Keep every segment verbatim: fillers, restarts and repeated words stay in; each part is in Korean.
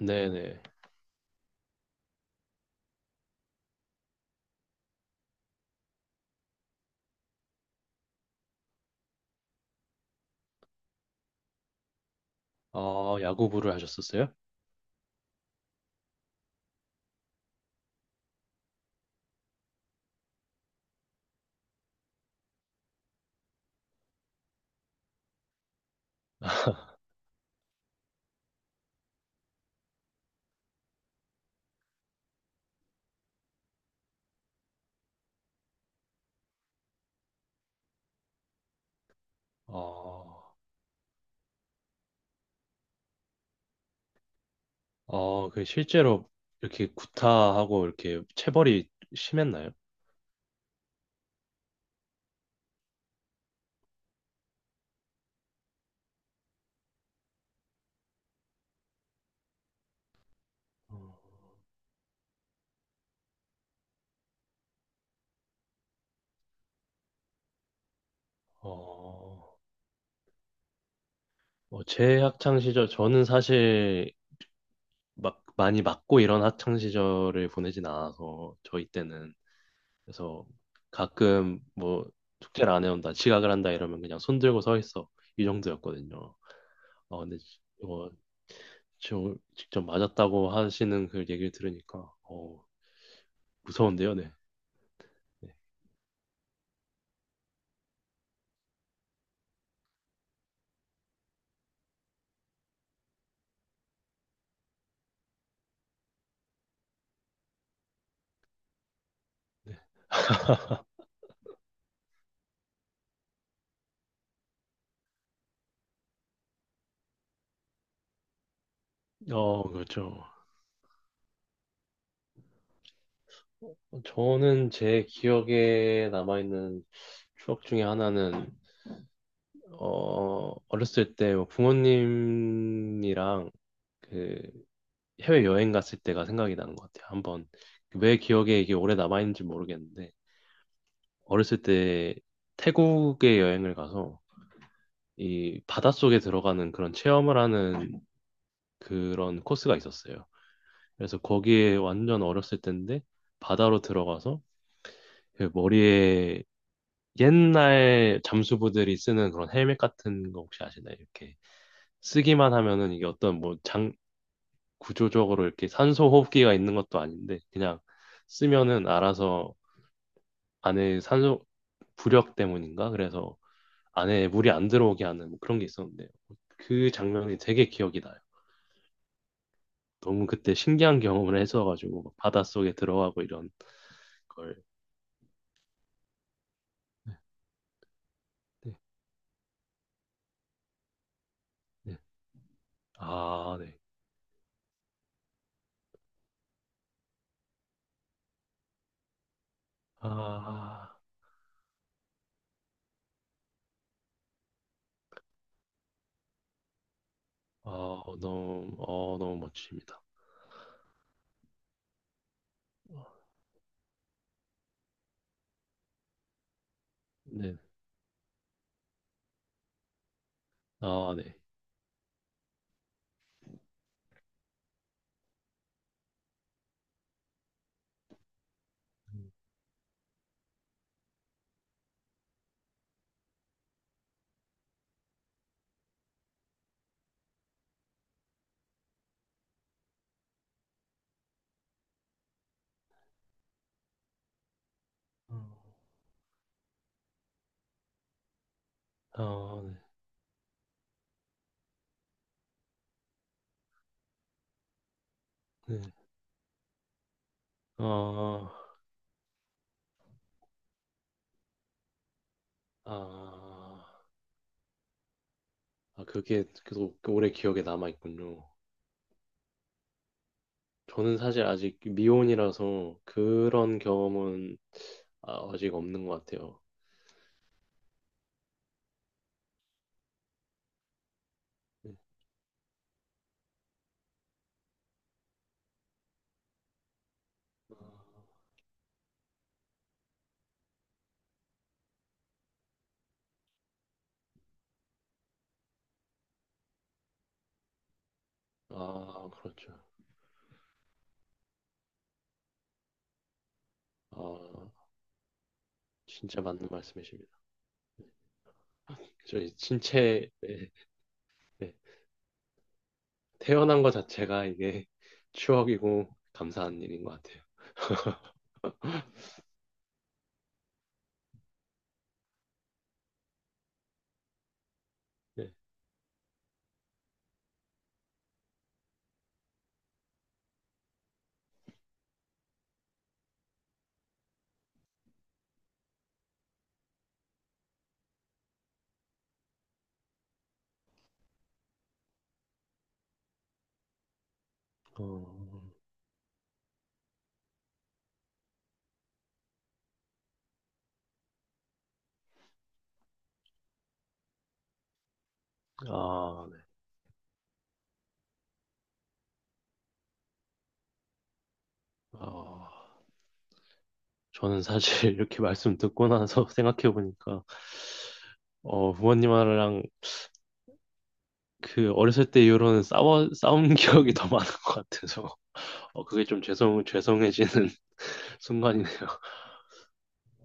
네네. 어, 야구부를 하셨었어요? 어, 어, 그 실제로 이렇게 구타하고 이렇게 체벌이 심했나요? 어, 어, 제 학창 시절, 저는 사실 막 많이 맞고 이런 학창 시절을 보내진 않아서 저희 때는 그래서 가끔 뭐 숙제를 안 해온다, 지각을 한다 이러면 그냥 손 들고 서 있어 이 정도였거든요. 어, 근데 지- 뭐 저- 직접 맞았다고 하시는 그 얘기를 들으니까 어, 무서운데요, 네. 네. 네. 어, 그렇죠. 저는 제 기억에 남아있는 추억 중에 하나는 어, 어렸을 때뭐 부모님이랑 그 해외 여행 갔을 때가 생각이 나는 것 같아요. 한번 왜 기억에 이게 오래 남아있는지 모르겠는데 어렸을 때 태국에 여행을 가서 이 바닷속에 들어가는 그런 체험을 하는 그런 코스가 있었어요. 그래서 거기에 완전 어렸을 때인데 바다로 들어가서 그 머리에 옛날 잠수부들이 쓰는 그런 헬멧 같은 거 혹시 아시나요? 이렇게 쓰기만 하면은 이게 어떤 뭐 장 구조적으로 이렇게 산소 호흡기가 있는 것도 아닌데 그냥 쓰면은 알아서 안에 산소 부력 때문인가? 그래서 안에 물이 안 들어오게 하는 뭐 그런 게 있었는데 그 장면이 되게 기억이 나요. 너무 그때 신기한 경험을 했어가지고 막 바닷속에 들어가고 이런 걸. 네, 네, 네. 아, 네. 아, 아, 어, 너무, 어, 너무 멋집니다. 어, 네, 아, 네. 음, 아, 네, 네. 아, 아, 아, 그게 계속 오래 기억에 남아 있군요. 저는 사실 아직 미혼이라서 그런 경험은 아, 아직 없는 것 같아요. 네. 아, 그렇죠. 아, 진짜 맞는 말씀이십니다. 저희 신체, 네, 네. 태어난 것 자체가 이게 추억이고 감사한 일인 것 같아요. 네. 어, 아, 네. 어, 저는 사실 이렇게 말씀 듣고 나서 생각해 보니까 어, 부모님이랑 그 어렸을 때 이후로는 싸워 싸운 기억이 더 많은 것 같아서 어, 그게 좀 죄송 죄송해지는 순간이네요.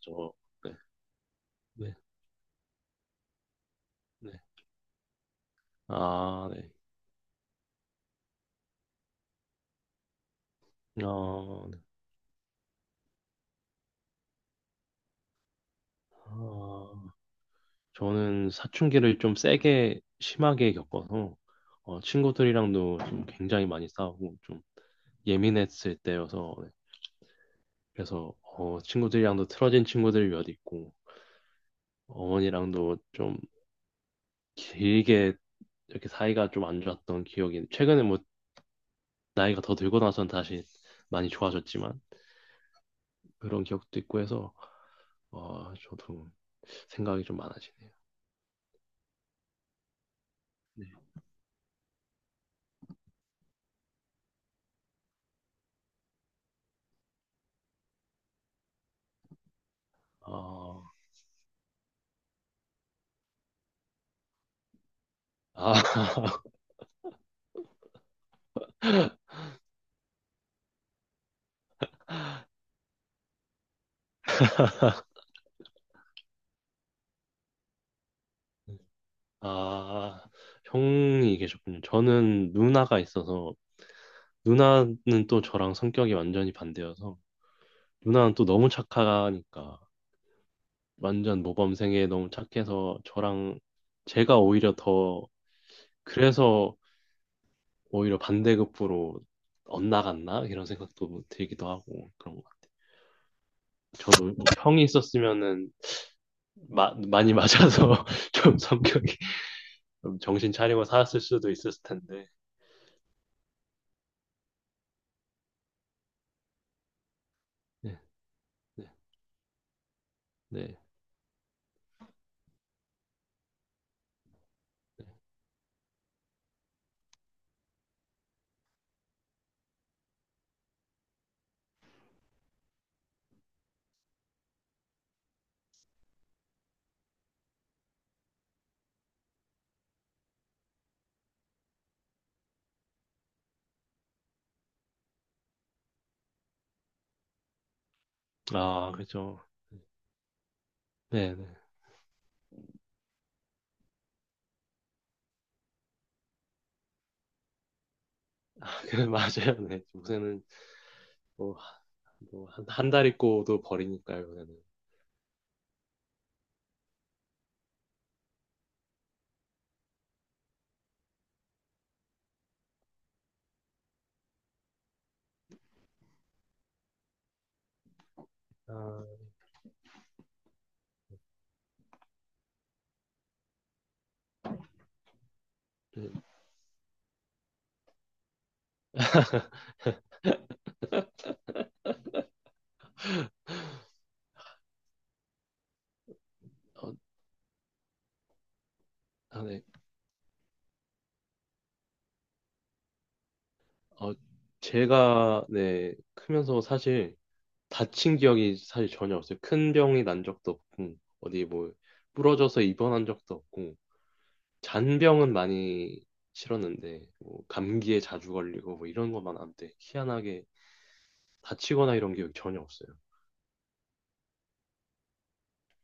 저, 네, 네, 네. 아, 네. 어, 네. 아, 저는 사춘기를 좀 세게 심하게 겪어서 어, 친구들이랑도 좀 굉장히 많이 싸우고 좀 예민했을 때여서 네. 그래서 어, 친구들이랑도 틀어진 친구들이 몇 있고 어머니랑도 좀 길게 이렇게 사이가 좀 안 좋았던 기억이 최근에 뭐 나이가 더 들고 나선 다시 많이 좋아졌지만 그런 기억도 있고 해서 어, 저도 생각이 좀 많아지네요. 네. 어, 아 아, 형이 계셨군요. 저는 누나가 있어서, 누나는 또 저랑 성격이 완전히 반대여서, 누나는 또 너무 착하니까, 완전 모범생에 너무 착해서, 저랑, 제가 오히려 더, 그래서 오히려 반대급부로 엇나갔나? 이런 생각도 들기도 하고, 그런 것 같아요. 저도 뭐 형이 있었으면은, 마- 많이 맞아서, 좀 성격이, 좀 정신 차리고 살았을 수도 있었을 텐데. 네, 네, 네. 아, 그죠. 네네. 맞아요. 네. 요새는 뭐, 뭐 한, 한 달 입고도 버리니까요, 요새는. 아, 네, 어, 아, 네. 어, 제가, 네, 크면서 사실 다친 기억이 사실 전혀 없어요. 큰 병이 난 적도 없고, 어디 뭐, 부러져서 입원한 적도 없고, 잔병은 많이 치렀는데, 뭐, 감기에 자주 걸리고, 뭐, 이런 것만 한데 희한하게 다치거나 이런 기억이 전혀 없어요.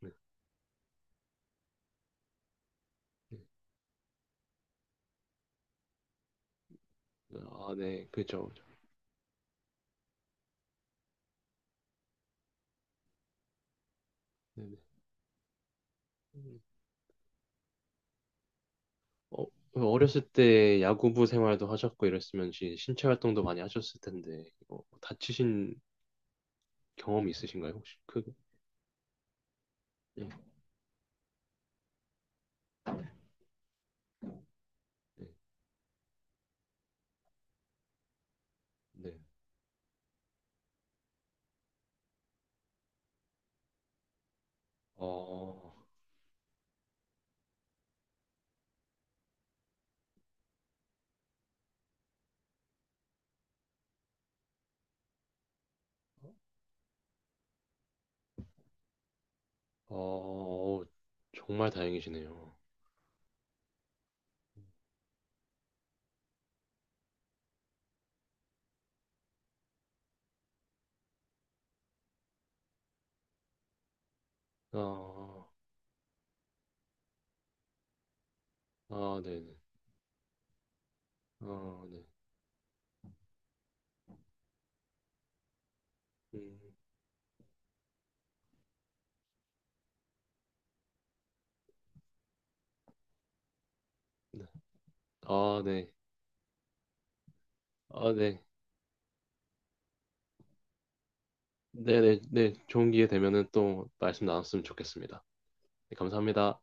네. 네. 아, 네, 그죠. 네, 네. 어, 그 어렸을 때 야구부 생활도 하셨고 이랬으면 지- 신체 활동도 많이 하셨을 텐데 이거 뭐 다치신 경험이 있으신가요? 혹시 크게? 네. 네. 네. 어, 어, 정말 다행이시네요. 아, 아, 네네. 아, 네. 음, 네. 아, 네. 아, 네. 네네. 네. 네. 좋은 기회 되면은 또 말씀 나눴으면 좋겠습니다. 네, 감사합니다.